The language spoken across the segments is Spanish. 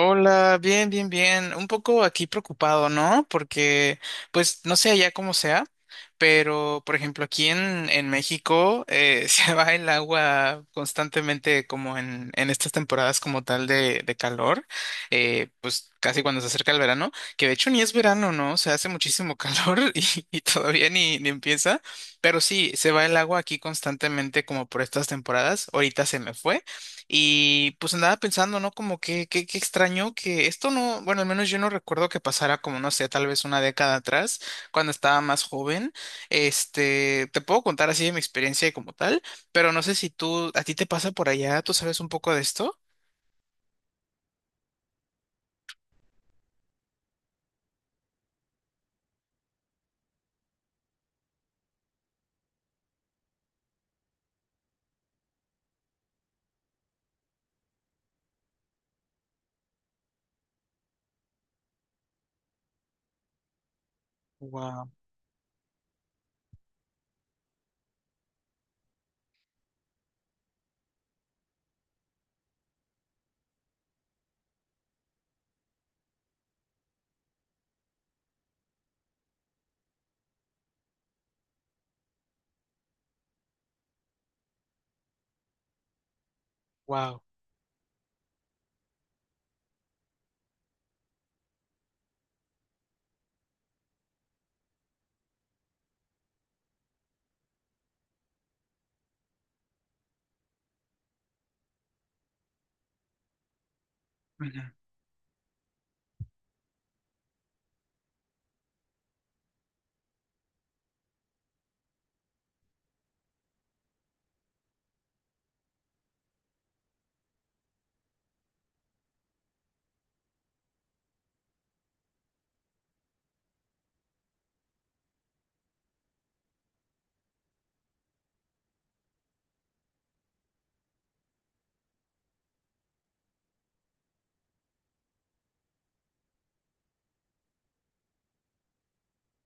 Hola, bien, bien, bien. Un poco aquí preocupado, ¿no? Porque, pues, no sé allá cómo sea, pero, por ejemplo, aquí en México, se va el agua constantemente como en estas temporadas como tal de calor, pues casi cuando se acerca el verano, que de hecho ni es verano, ¿no? Se hace muchísimo calor y todavía ni empieza, pero sí, se va el agua aquí constantemente como por estas temporadas. Ahorita se me fue. Y pues andaba pensando, ¿no? Como que extraño que esto no, bueno, al menos yo no recuerdo que pasara como, no sé, tal vez una década atrás, cuando estaba más joven. Te puedo contar así de mi experiencia como tal, pero no sé si tú, a ti te pasa por allá, ¿tú sabes un poco de esto? Wow, wow.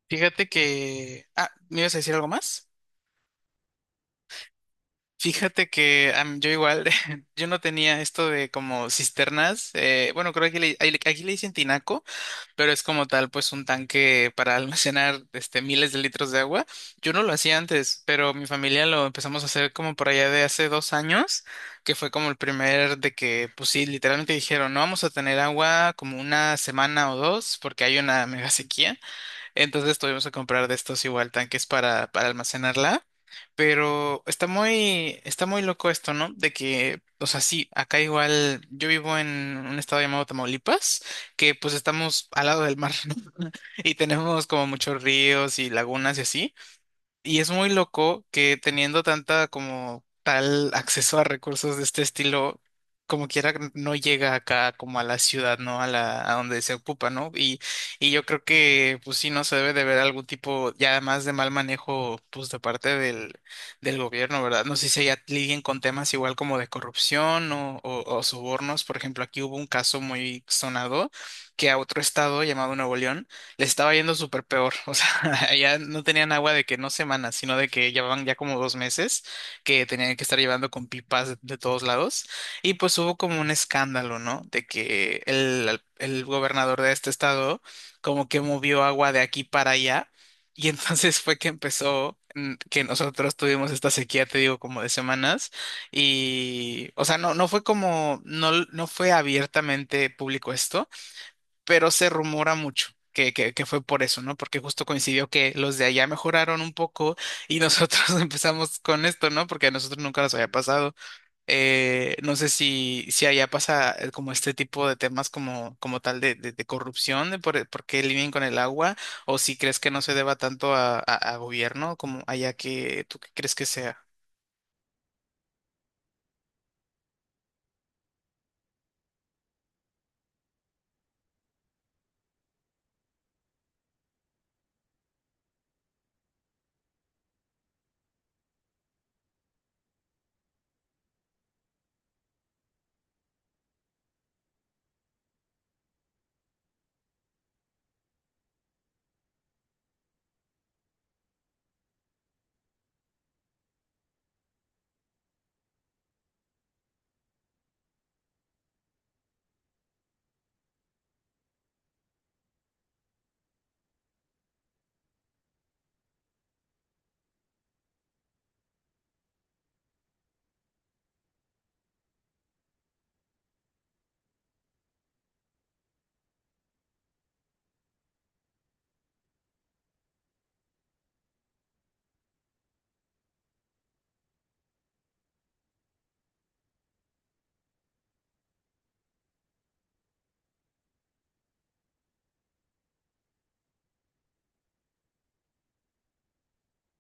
Fíjate que, ¿me ibas a decir algo más? Fíjate que, yo igual, yo no tenía esto de como cisternas, bueno, creo que aquí le dicen tinaco, pero es como tal, pues un tanque para almacenar, miles de litros de agua. Yo no lo hacía antes, pero mi familia lo empezamos a hacer como por allá de hace 2 años, que fue como el primer de que, pues sí, literalmente dijeron, no vamos a tener agua como una semana o dos, porque hay una mega sequía. Entonces tuvimos que comprar de estos igual tanques para almacenarla. Pero está muy loco esto, ¿no? De que, o sea, sí, acá igual yo vivo en un estado llamado Tamaulipas, que pues estamos al lado del mar, ¿no? Y tenemos como muchos ríos y lagunas y así. Y es muy loco que teniendo tanta como tal acceso a recursos de este estilo, como quiera no llega acá como a la ciudad, ¿no? A la, a donde se ocupa, ¿no? Y yo creo que pues sí, no se debe de ver algún tipo ya más de mal manejo pues de parte del, del gobierno, ¿verdad? No sé si ya lidien con temas igual como de corrupción o sobornos. Por ejemplo, aquí hubo un caso muy sonado que a otro estado llamado Nuevo León les estaba yendo súper peor. O sea, allá no tenían agua de que no semanas, sino de que llevaban ya como 2 meses, que tenían que estar llevando con pipas de todos lados. Y pues hubo como un escándalo, ¿no? De que el gobernador de este estado como que movió agua de aquí para allá. Y entonces fue que empezó, que nosotros tuvimos esta sequía, te digo, como de semanas. Y, o sea, no fue abiertamente público esto, pero se rumora mucho. Que fue por eso, ¿no? Porque justo coincidió que los de allá mejoraron un poco y nosotros empezamos con esto, ¿no? Porque a nosotros nunca nos había pasado. No sé si, si allá pasa, como este tipo de temas como tal de corrupción, de por qué lidian con el agua, o si crees que no se deba tanto a, a gobierno como allá, que tú qué crees que sea.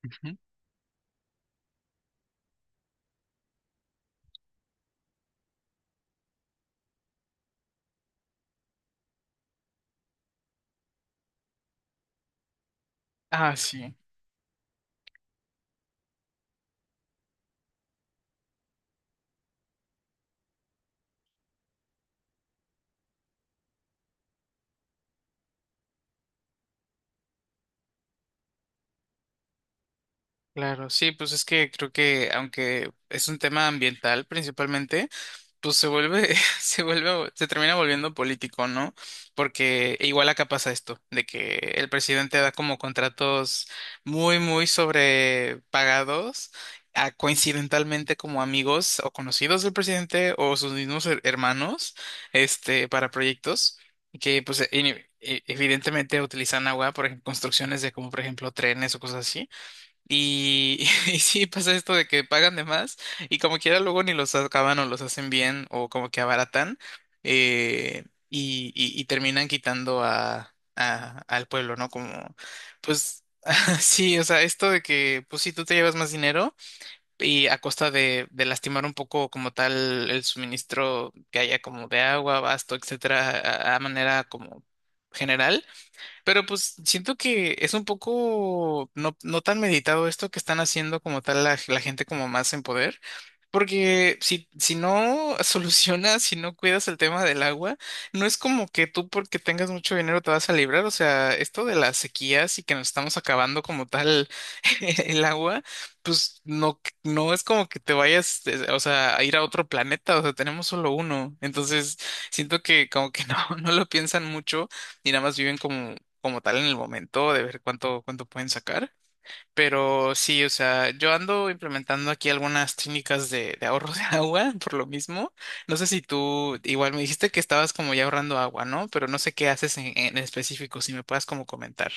Ujú. Ah, sí, claro, sí, pues es que creo que aunque es un tema ambiental principalmente, pues se vuelve, se vuelve, se termina volviendo político, ¿no? Porque igual acá pasa esto, de que el presidente da como contratos muy, muy sobrepagados a coincidentalmente como amigos o conocidos del presidente o sus mismos hermanos, para proyectos que, pues, evidentemente utilizan agua, por ejemplo, construcciones de, como, por ejemplo, trenes o cosas así. Y, y sí, pasa esto de que pagan de más y como quiera luego ni los acaban o los hacen bien o como que abaratan, y, y terminan quitando a, al pueblo, ¿no? Como, pues sí, o sea, esto de que, pues sí, tú te llevas más dinero y a costa de lastimar un poco como tal el suministro que haya como de agua, abasto, etcétera, a manera como general. Pero pues siento que es un poco no tan meditado esto que están haciendo como tal la, la gente como más en poder, porque si no solucionas, si no cuidas el tema del agua, no es como que tú porque tengas mucho dinero te vas a librar, o sea, esto de las sequías y que nos estamos acabando como tal el agua, pues no, no es como que te vayas, o sea, a ir a otro planeta, o sea, tenemos solo uno, entonces siento que como que no, no lo piensan mucho y nada más viven como, como tal, en el momento de ver cuánto pueden sacar. Pero sí, o sea, yo ando implementando aquí algunas técnicas de ahorro de agua por lo mismo. No sé si tú, igual me dijiste que estabas como ya ahorrando agua, ¿no? Pero no sé qué haces en específico, si me puedas como comentar.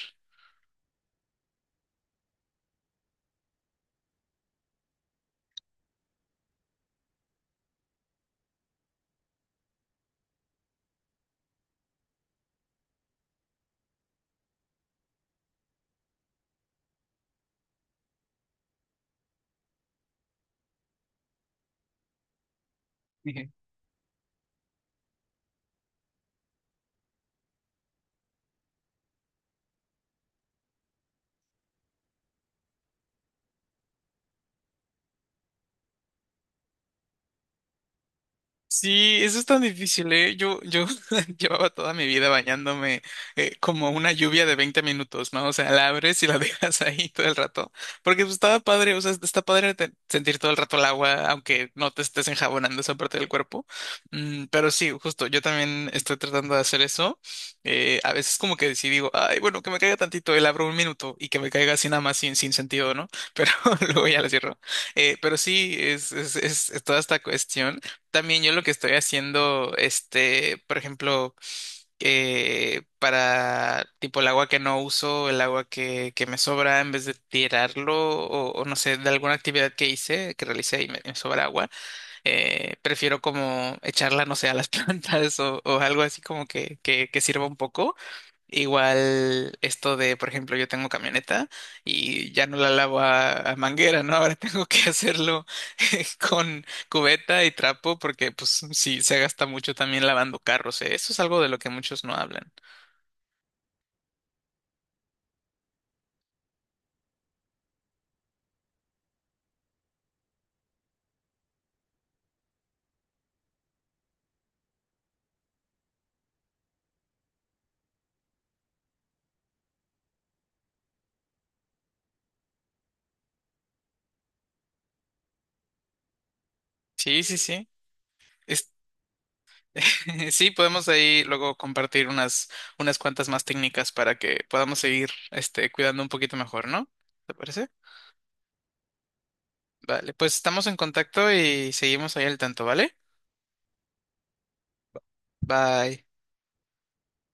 Sí, eso es tan difícil, ¿eh? Yo llevaba toda mi vida bañándome, como una lluvia de 20 minutos, ¿no? O sea, la abres y la dejas ahí todo el rato. Porque pues, estaba padre, o sea, está padre sentir todo el rato el agua, aunque no te estés enjabonando esa parte del cuerpo. Mm, pero sí, justo, yo también estoy tratando de hacer eso. A veces como que sí digo, ay, bueno, que me caiga tantito, el abro 1 minuto y que me caiga así nada más sin sentido, ¿no? Pero luego ya la cierro. Pero sí, es es toda esta cuestión. También yo lo que estoy haciendo, por ejemplo, para tipo el agua que no uso, el agua que me sobra, en vez de tirarlo o no sé, de alguna actividad que hice, que realicé y me sobra agua, prefiero como echarla, no sé, a las plantas o algo así como que sirva un poco. Igual esto de, por ejemplo, yo tengo camioneta y ya no la lavo a, manguera, ¿no? Ahora tengo que hacerlo con cubeta y trapo porque pues sí, se gasta mucho también lavando carros, ¿eh? Eso es algo de lo que muchos no hablan. Sí, sí, sí. Es- sí, podemos ahí luego compartir unas cuantas más técnicas para que podamos seguir, este, cuidando un poquito mejor, ¿no? ¿Te parece? Vale, pues estamos en contacto y seguimos ahí al tanto, ¿vale? Bye.